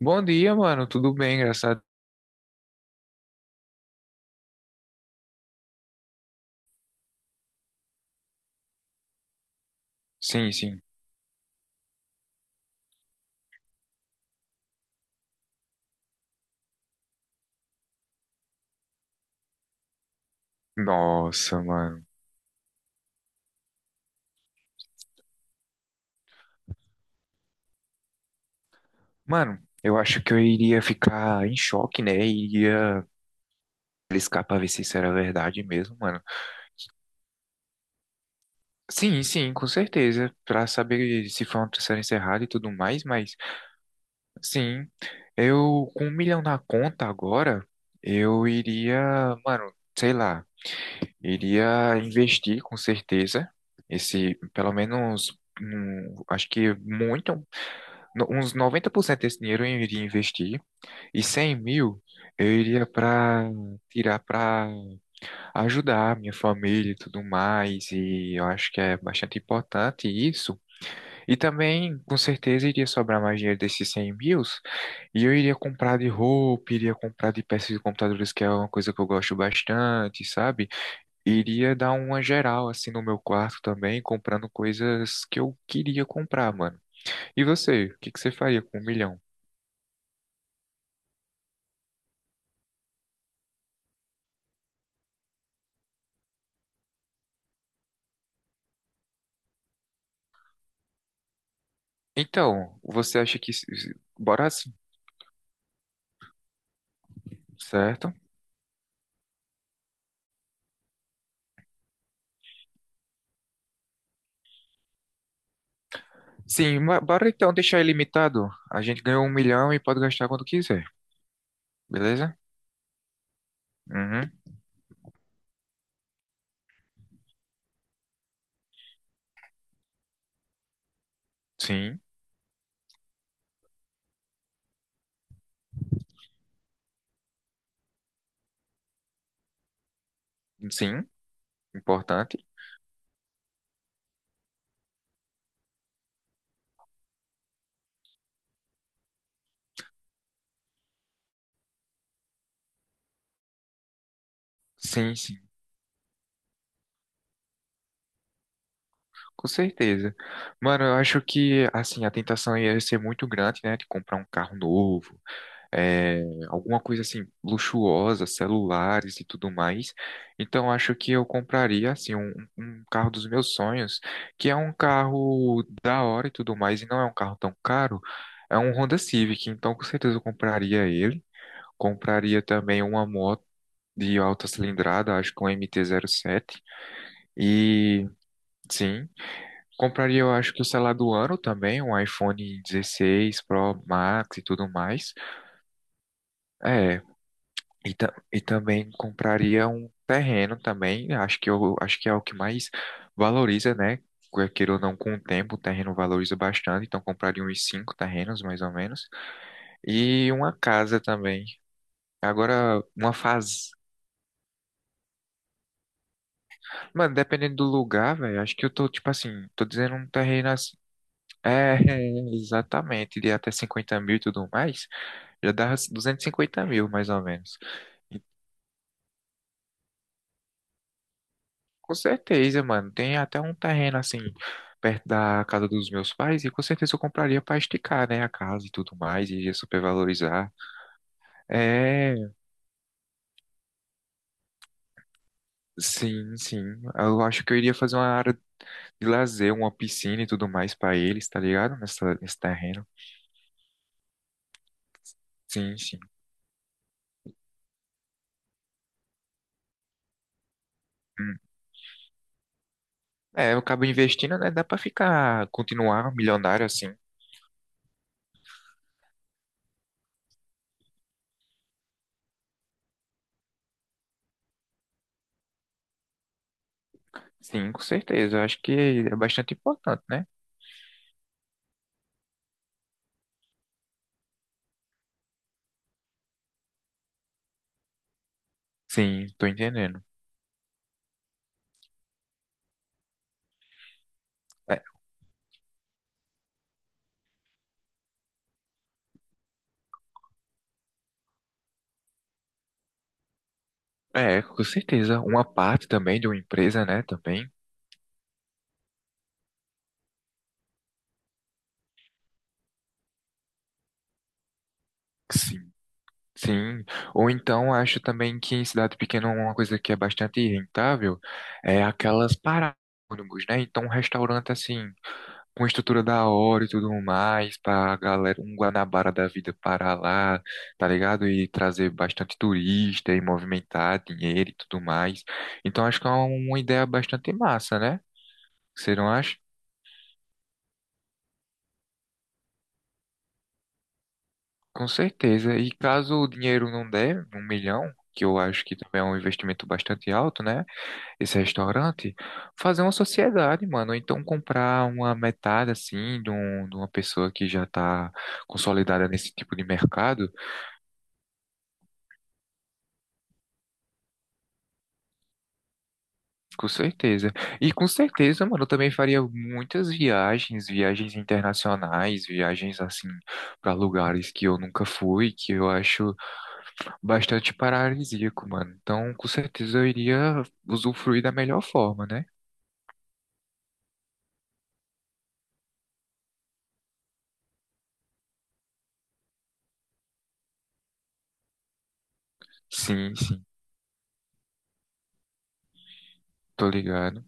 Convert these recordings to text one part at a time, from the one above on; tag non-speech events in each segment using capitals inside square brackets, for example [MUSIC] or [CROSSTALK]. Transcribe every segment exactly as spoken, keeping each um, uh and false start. Bom dia, mano. Tudo bem, engraçado? Sim, sim. Nossa, mano. Mano, eu acho que eu iria ficar em choque, né? Iria arriscar pra ver se isso era verdade mesmo, mano. Sim, sim, com certeza. Pra saber se foi uma transferência errada e tudo mais, mas sim. Eu, com um milhão na conta agora, eu iria, mano, sei lá, iria investir com certeza. Esse, pelo menos, um, acho que muito. No- uns noventa por cento desse dinheiro eu iria investir e cem mil eu iria para tirar para ajudar a minha família e tudo mais. E eu acho que é bastante importante isso. E também, com certeza, iria sobrar mais dinheiro desses cem mil e eu iria comprar de roupa, iria comprar de peças de computadores, que é uma coisa que eu gosto bastante, sabe? Iria dar uma geral assim no meu quarto também, comprando coisas que eu queria comprar, mano. E você, o que que você faria com um milhão? Então, você acha que se- se- Bora sim, certo? Sim, ma- bora então deixar ilimitado. A gente ganhou um milhão e pode gastar quando quiser, beleza? Uhum. Sim, sim, importante. Sim, sim, com certeza. Mano, eu acho que, assim, a tentação ia ser muito grande, né? De comprar um carro novo, é, alguma coisa assim luxuosa, celulares e tudo mais. Então acho que eu compraria assim um, um carro dos meus sonhos, que é um carro da hora e tudo mais, e não é um carro tão caro. É um Honda Civic, então com certeza eu compraria ele. Compraria também uma moto de alta cilindrada, acho que um M T zero sete. E sim, compraria, eu acho que o celular do ano também, um iPhone dezesseis Pro Max e tudo mais. É, E, ta- e também compraria um terreno também, acho que eu acho que é o que mais valoriza, né? Quer queira ou não, com o tempo, o terreno valoriza bastante, então compraria uns cinco terrenos, mais ou menos. E uma casa também. Agora, uma faz... Mano, dependendo do lugar, velho, acho que eu tô, tipo assim, tô dizendo um terreno assim... É, [LAUGHS] exatamente, de até cinquenta mil e tudo mais, já dá duzentos e cinquenta mil, mais ou menos. Com certeza, mano. Tem até um terreno assim, perto da casa dos meus pais, e com certeza eu compraria pra esticar, né, a casa e tudo mais, e ia supervalorizar. É, sim, sim. Eu acho que eu iria fazer uma área de lazer, uma piscina e tudo mais pra eles, tá ligado? Nessa, nesse terreno. Sim, sim. Hum. É, eu acabo investindo, né? Dá pra ficar, continuar milionário assim. Sim, com certeza. Eu acho que é bastante importante, né? Sim, tô entendendo. É, É, com certeza. Uma parte também de uma empresa, né? Também. Sim. Sim. Ou então acho também que em cidade pequena uma coisa que é bastante rentável é aquelas paradas de ônibus, né? Então um restaurante assim, com estrutura da hora e tudo mais, pra galera, um Guanabara da vida parar lá, tá ligado? E trazer bastante turista e movimentar dinheiro e tudo mais. Então acho que é uma ideia bastante massa, né? Você não acha? Com certeza. E caso o dinheiro não der, um milhão, que eu acho que também é um investimento bastante alto, né? Esse restaurante, fazer uma sociedade, mano. Ou então comprar uma metade, assim, de, um- de uma pessoa que já tá consolidada nesse tipo de mercado. Com certeza. E com certeza, mano, eu também faria muitas viagens, viagens internacionais, viagens, assim, para lugares que eu nunca fui, que eu acho, bastante paradisíaco, mano. Então, com certeza eu iria usufruir da melhor forma, né? Sim, sim, tô ligado.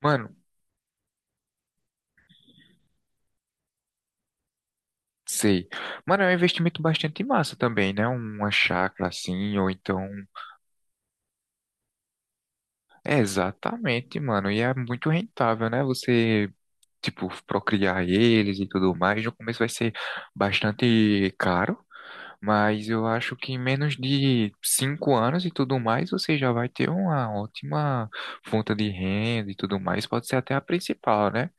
Mano, sei. Mano, é um investimento bastante massa também, né? Uma chácara assim, ou então. É, exatamente, mano. E é muito rentável, né? Você, tipo, procriar eles e tudo mais. No começo vai ser bastante caro. Mas eu acho que em menos de cinco anos e tudo mais, você já vai ter uma ótima fonte de renda e tudo mais. Pode ser até a principal, né?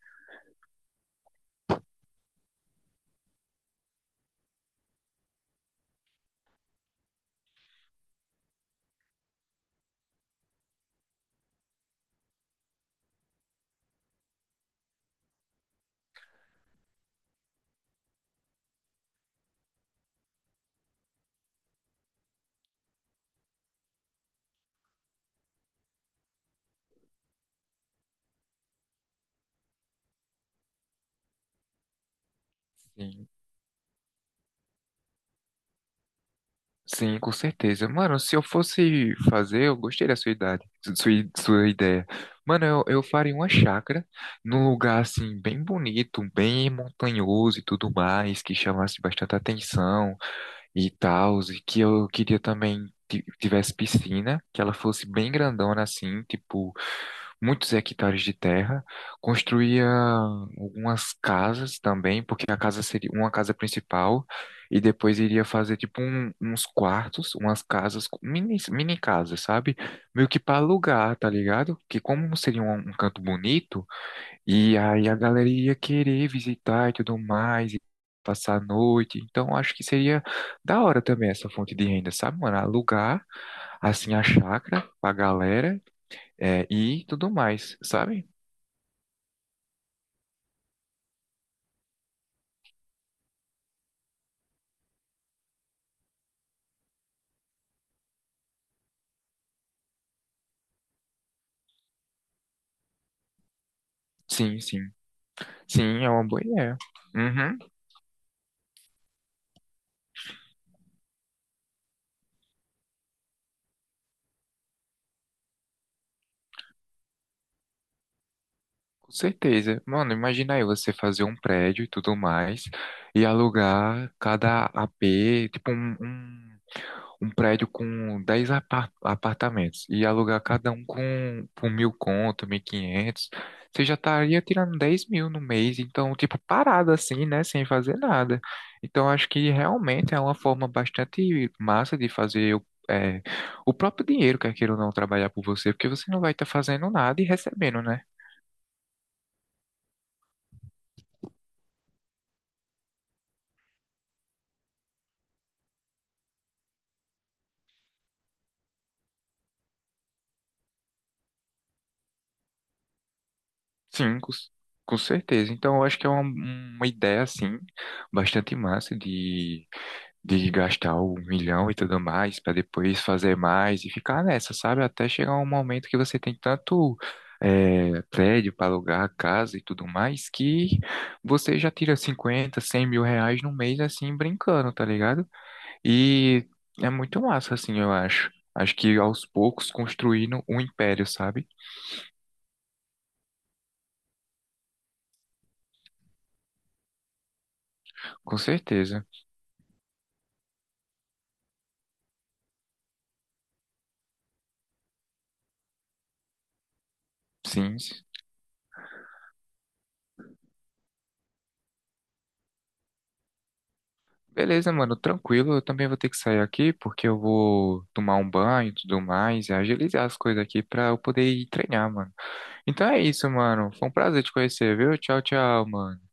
Sim. Sim, com certeza. Mano, se eu fosse fazer, eu gostei da sua idade, su- sua, i- sua ideia. Mano, eu, eu faria uma chácara num lugar assim, bem bonito, bem montanhoso e tudo mais, que chamasse bastante atenção e tal, e que eu queria também ti- tivesse piscina, que ela fosse bem grandona assim, tipo, muitos hectares de terra. Construía algumas casas também, porque a casa seria uma casa principal, e depois iria fazer tipo um- uns quartos, umas casas, com- mini, mini casas, sabe? Meio que para alugar, tá ligado? Que como seria um, um canto bonito, e aí a galera ia querer visitar e tudo mais, e passar a noite. Então acho que seria da hora também essa fonte de renda, sabe, mano? Alugar assim a chácara pra galera, é, e tudo mais, sabe? Sim, sim. Sim, é uma boa ideia. Uhum, com certeza. Mano, imagina aí você fazer um prédio e tudo mais e alugar cada apê, tipo um, um um prédio com dez apar- apartamentos e alugar cada um com por mil conto, mil e quinhentos, você já estaria tirando dez mil no mês, então, tipo, parado assim, né, sem fazer nada. Então, acho que realmente é uma forma bastante massa de fazer o, é, o próprio dinheiro, quer queira ou não, trabalhar por você, porque você não vai estar fazendo nada e recebendo, né? Sim, com, com certeza. Então, eu acho que é uma, uma ideia, assim, bastante massa de de gastar um milhão e tudo mais, para depois fazer mais e ficar nessa, sabe? Até chegar um momento que você tem tanto eh, prédio para alugar, casa e tudo mais, que você já tira cinquenta, cem mil reais no mês, assim, brincando, tá ligado? E é muito massa, assim, eu acho. Acho que aos poucos construindo um império, sabe? Com certeza. Sim. Beleza, mano, tranquilo. Eu também vou ter que sair aqui porque eu vou tomar um banho e tudo mais e agilizar as coisas aqui pra eu poder ir treinar, mano. Então é isso, mano. Foi um prazer te conhecer, viu? Tchau, tchau, mano.